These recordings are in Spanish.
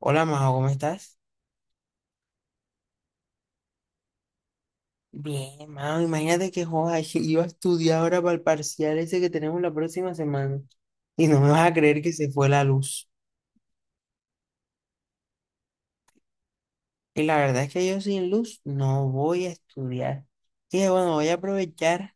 Hola, Majo, ¿cómo estás? Bien, Majo, imagínate que joda, iba a estudiar ahora para el parcial ese que tenemos la próxima semana y no me vas a creer que se fue la luz. Y la verdad es que yo sin luz no voy a estudiar. Dije, bueno, voy a aprovechar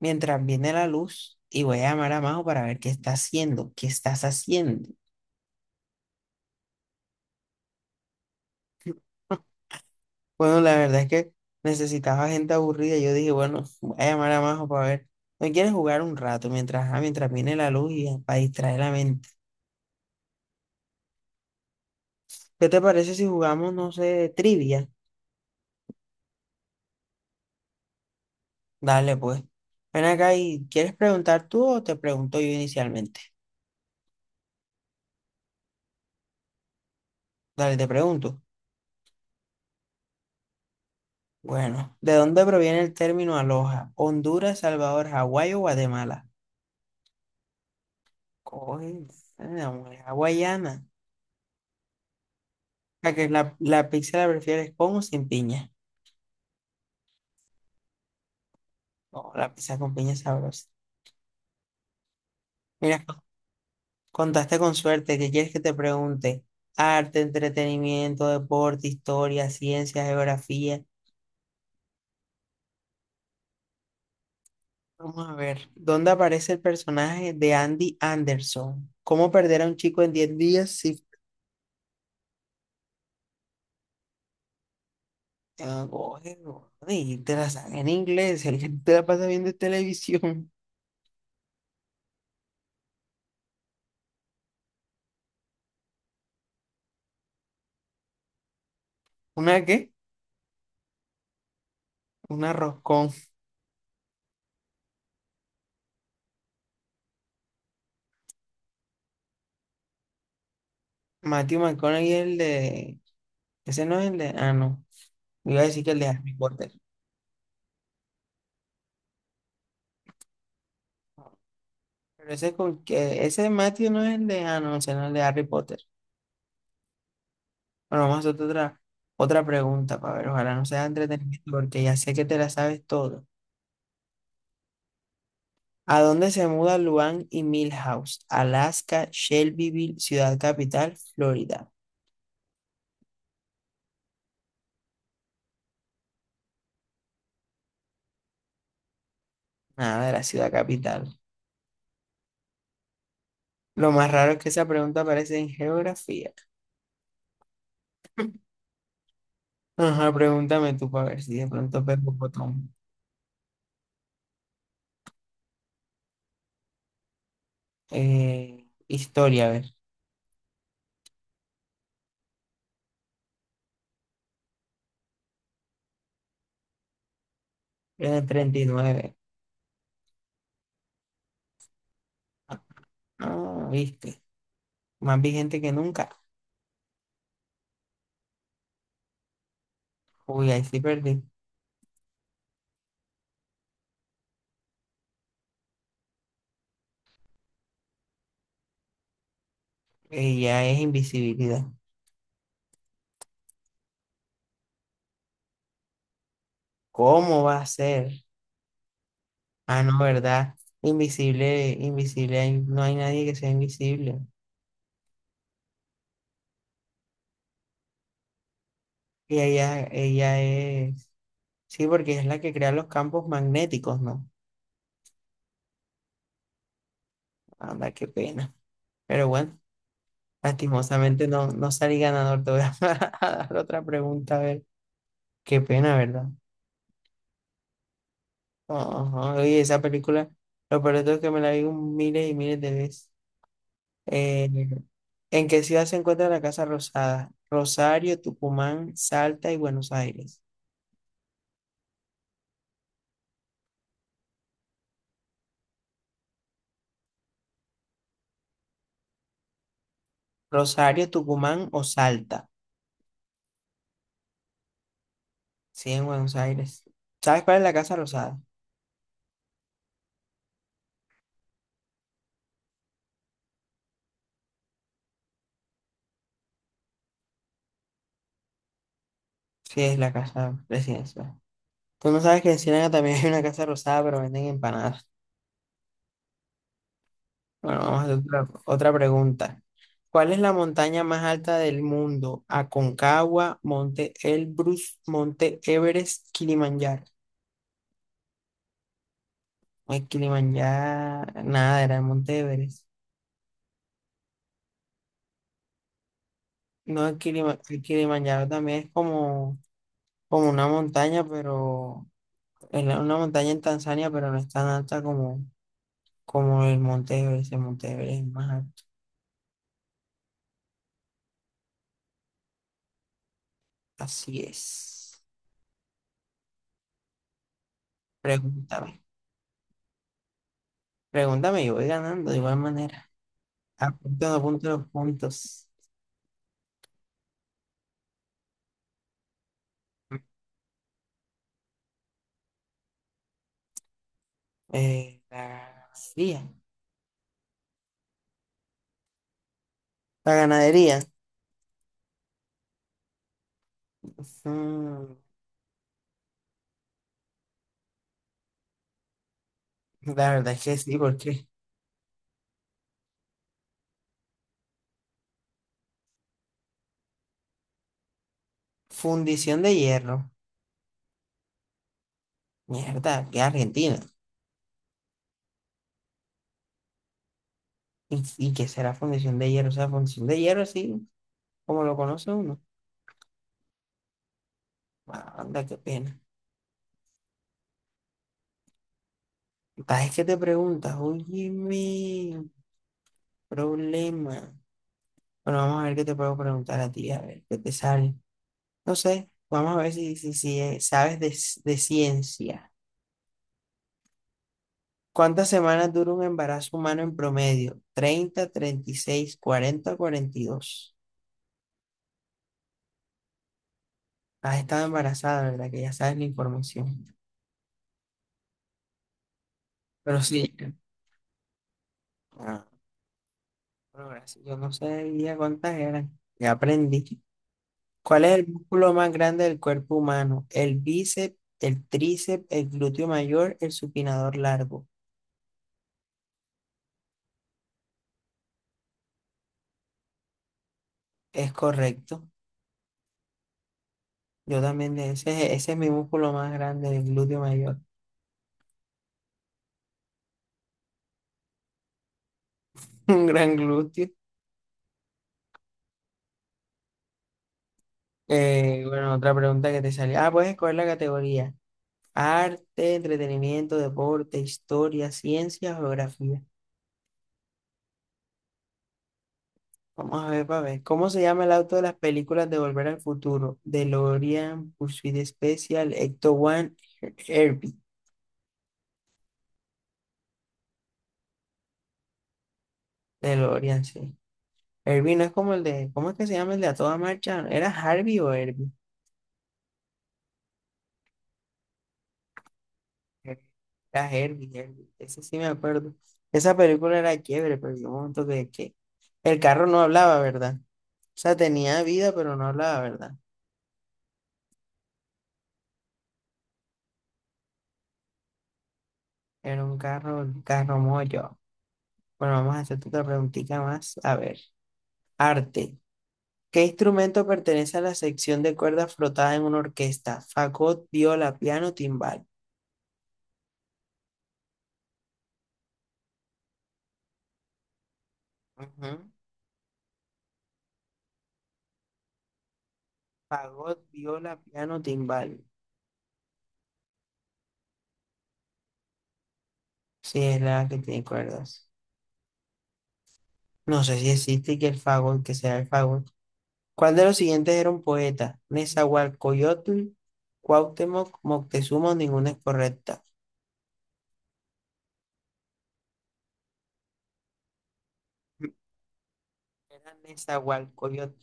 mientras viene la luz y voy a llamar a Majo para ver qué está haciendo, qué estás haciendo. Bueno, la verdad es que necesitaba gente aburrida. Yo dije, bueno, voy a llamar a Majo para ver. ¿No quieres jugar un rato mientras viene la luz y para distraer la mente? ¿Qué te parece si jugamos, no sé, trivia? Dale, pues. Ven acá y ¿quieres preguntar tú o te pregunto yo inicialmente? Dale, te pregunto. Bueno, ¿de dónde proviene el término aloha? ¿Honduras, Salvador, Hawái o Guatemala? Coge, la mujer hawaiana. ¿A que la pizza la prefieres con o sin piña? No, la pizza con piña es sabrosa. Mira, contaste con suerte. ¿Qué quieres que te pregunte? Arte, entretenimiento, deporte, historia, ciencia, geografía. Vamos a ver, ¿dónde aparece el personaje de Andy Anderson? ¿Cómo perder a un chico en 10 días si... Ah, oye, oye, te la saca en inglés, el que te la pasa viendo televisión. ¿Una qué? Una roscón. Matthew McConaughey es el de... Ese no es el de... Ah, no. Iba a decir que el de Harry Potter. Pero ese Matthew no es el de... Ah, no, ese no es el de Harry Potter. Bueno, vamos a hacer otra pregunta para ver, ojalá no sea entretenimiento porque ya sé que te la sabes todo. ¿A dónde se mudan Luan y Milhouse? Alaska, Shelbyville, Ciudad Capital, Florida. Nada de la Ciudad Capital. Lo más raro es que esa pregunta aparece en geografía. Ajá, pregúntame tú para ver si de pronto pego botón. Historia, a ver. En el 39. Ah, viste. Más vigente que nunca. Uy, ahí sí perdí. Ya es invisibilidad. ¿Cómo va a ser? Ah, no, ¿verdad? Invisible, invisible, ahí no hay nadie que sea invisible. Y ella es, sí, porque es la que crea los campos magnéticos, ¿no? Anda, qué pena. Pero bueno, lastimosamente no salí ganador. Te voy a, a dar otra pregunta, a ver. Qué pena, ¿verdad? Ajá, oye, esa película, lo peor de todo es que me la vi un miles y miles de veces. Eh, ¿En qué ciudad se encuentra la Casa Rosada? Rosario, Tucumán, Salta y Buenos Aires. Rosario, Tucumán o Salta. Sí, en Buenos Aires. ¿Sabes cuál es la Casa Rosada? Sí, es la casa presidencial. Tú no sabes que en Ciénaga también hay una casa rosada, pero venden empanadas. Bueno, vamos a hacer otra pregunta. ¿Cuál es la montaña más alta del mundo? Aconcagua, Monte Elbrus, Monte Everest, Kilimanjaro. No es Kilimanjaro, nada, era el Monte Everest. No, el Kilimanjaro también es como una montaña, pero es una montaña en Tanzania, pero no es tan alta como el Monte Everest. El Monte Everest es más alto. Así es. Pregúntame. Pregúntame y voy ganando de igual manera. Apuntando a punto los puntos. La ganadería. La ganadería. Mm, la verdad es que sí, porque fundición de hierro. Mierda, que Argentina. ¿Y qué será fundición de hierro? O sea, fundición de hierro así, como lo conoce uno. Ah, anda, qué pena. Es que te preguntas, oye, mi problema. Bueno, vamos a ver qué te puedo preguntar a ti, a ver qué te sale. No sé, vamos a ver si sabes de ciencia. ¿Cuántas semanas dura un embarazo humano en promedio? 30, 36, 40, 42. Has estado embarazada, ¿verdad? Que ya sabes la información. Pero sí, ah, pero gracias. Yo no sabía cuántas eran. Ya aprendí. ¿Cuál es el músculo más grande del cuerpo humano? El bíceps, el tríceps, el glúteo mayor, el supinador largo. Es correcto. Yo también, ese es mi músculo más grande, el glúteo mayor. Un gran glúteo. Bueno, otra pregunta que te salió. Ah, puedes escoger la categoría. Arte, entretenimiento, deporte, historia, ciencia, geografía. Vamos a ver, para ver. ¿Cómo se llama el auto de las películas de Volver al Futuro? DeLorean, Pursuit Special, Ecto One, Herbie. DeLorean, sí. Herbie no es como el de. ¿Cómo es que se llama el de a toda marcha? ¿Era Harvey o Herbie? Era Herbie, Herbie, ese sí me acuerdo. Esa película era chévere, pero yo un momento que el carro no hablaba, ¿verdad? O sea, tenía vida, pero no hablaba, ¿verdad? Era un carro mollo. Bueno, vamos a hacerte otra preguntita más. A ver, arte. ¿Qué instrumento pertenece a la sección de cuerdas frotada en una orquesta? Fagot, viola, piano, timbal. Ujú. Fagot, viola, piano, timbal. Sí, es la que tiene cuerdas. No sé si existe que el fagot, que sea el fagot. ¿Cuál de los siguientes era un poeta? Nezahualcóyotl, Cuauhtémoc, Moctezuma, ninguna es correcta. Era Nezahualcóyotl.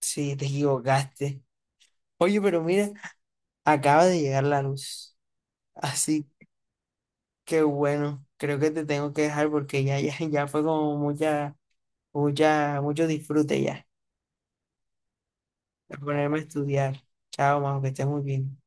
Sí, te equivocaste. Oye, pero mira, acaba de llegar la luz. Así que bueno, creo que te tengo que dejar porque ya fue como mucho disfrute ya. A ponerme a estudiar. Chao, Majo, que estés muy bien.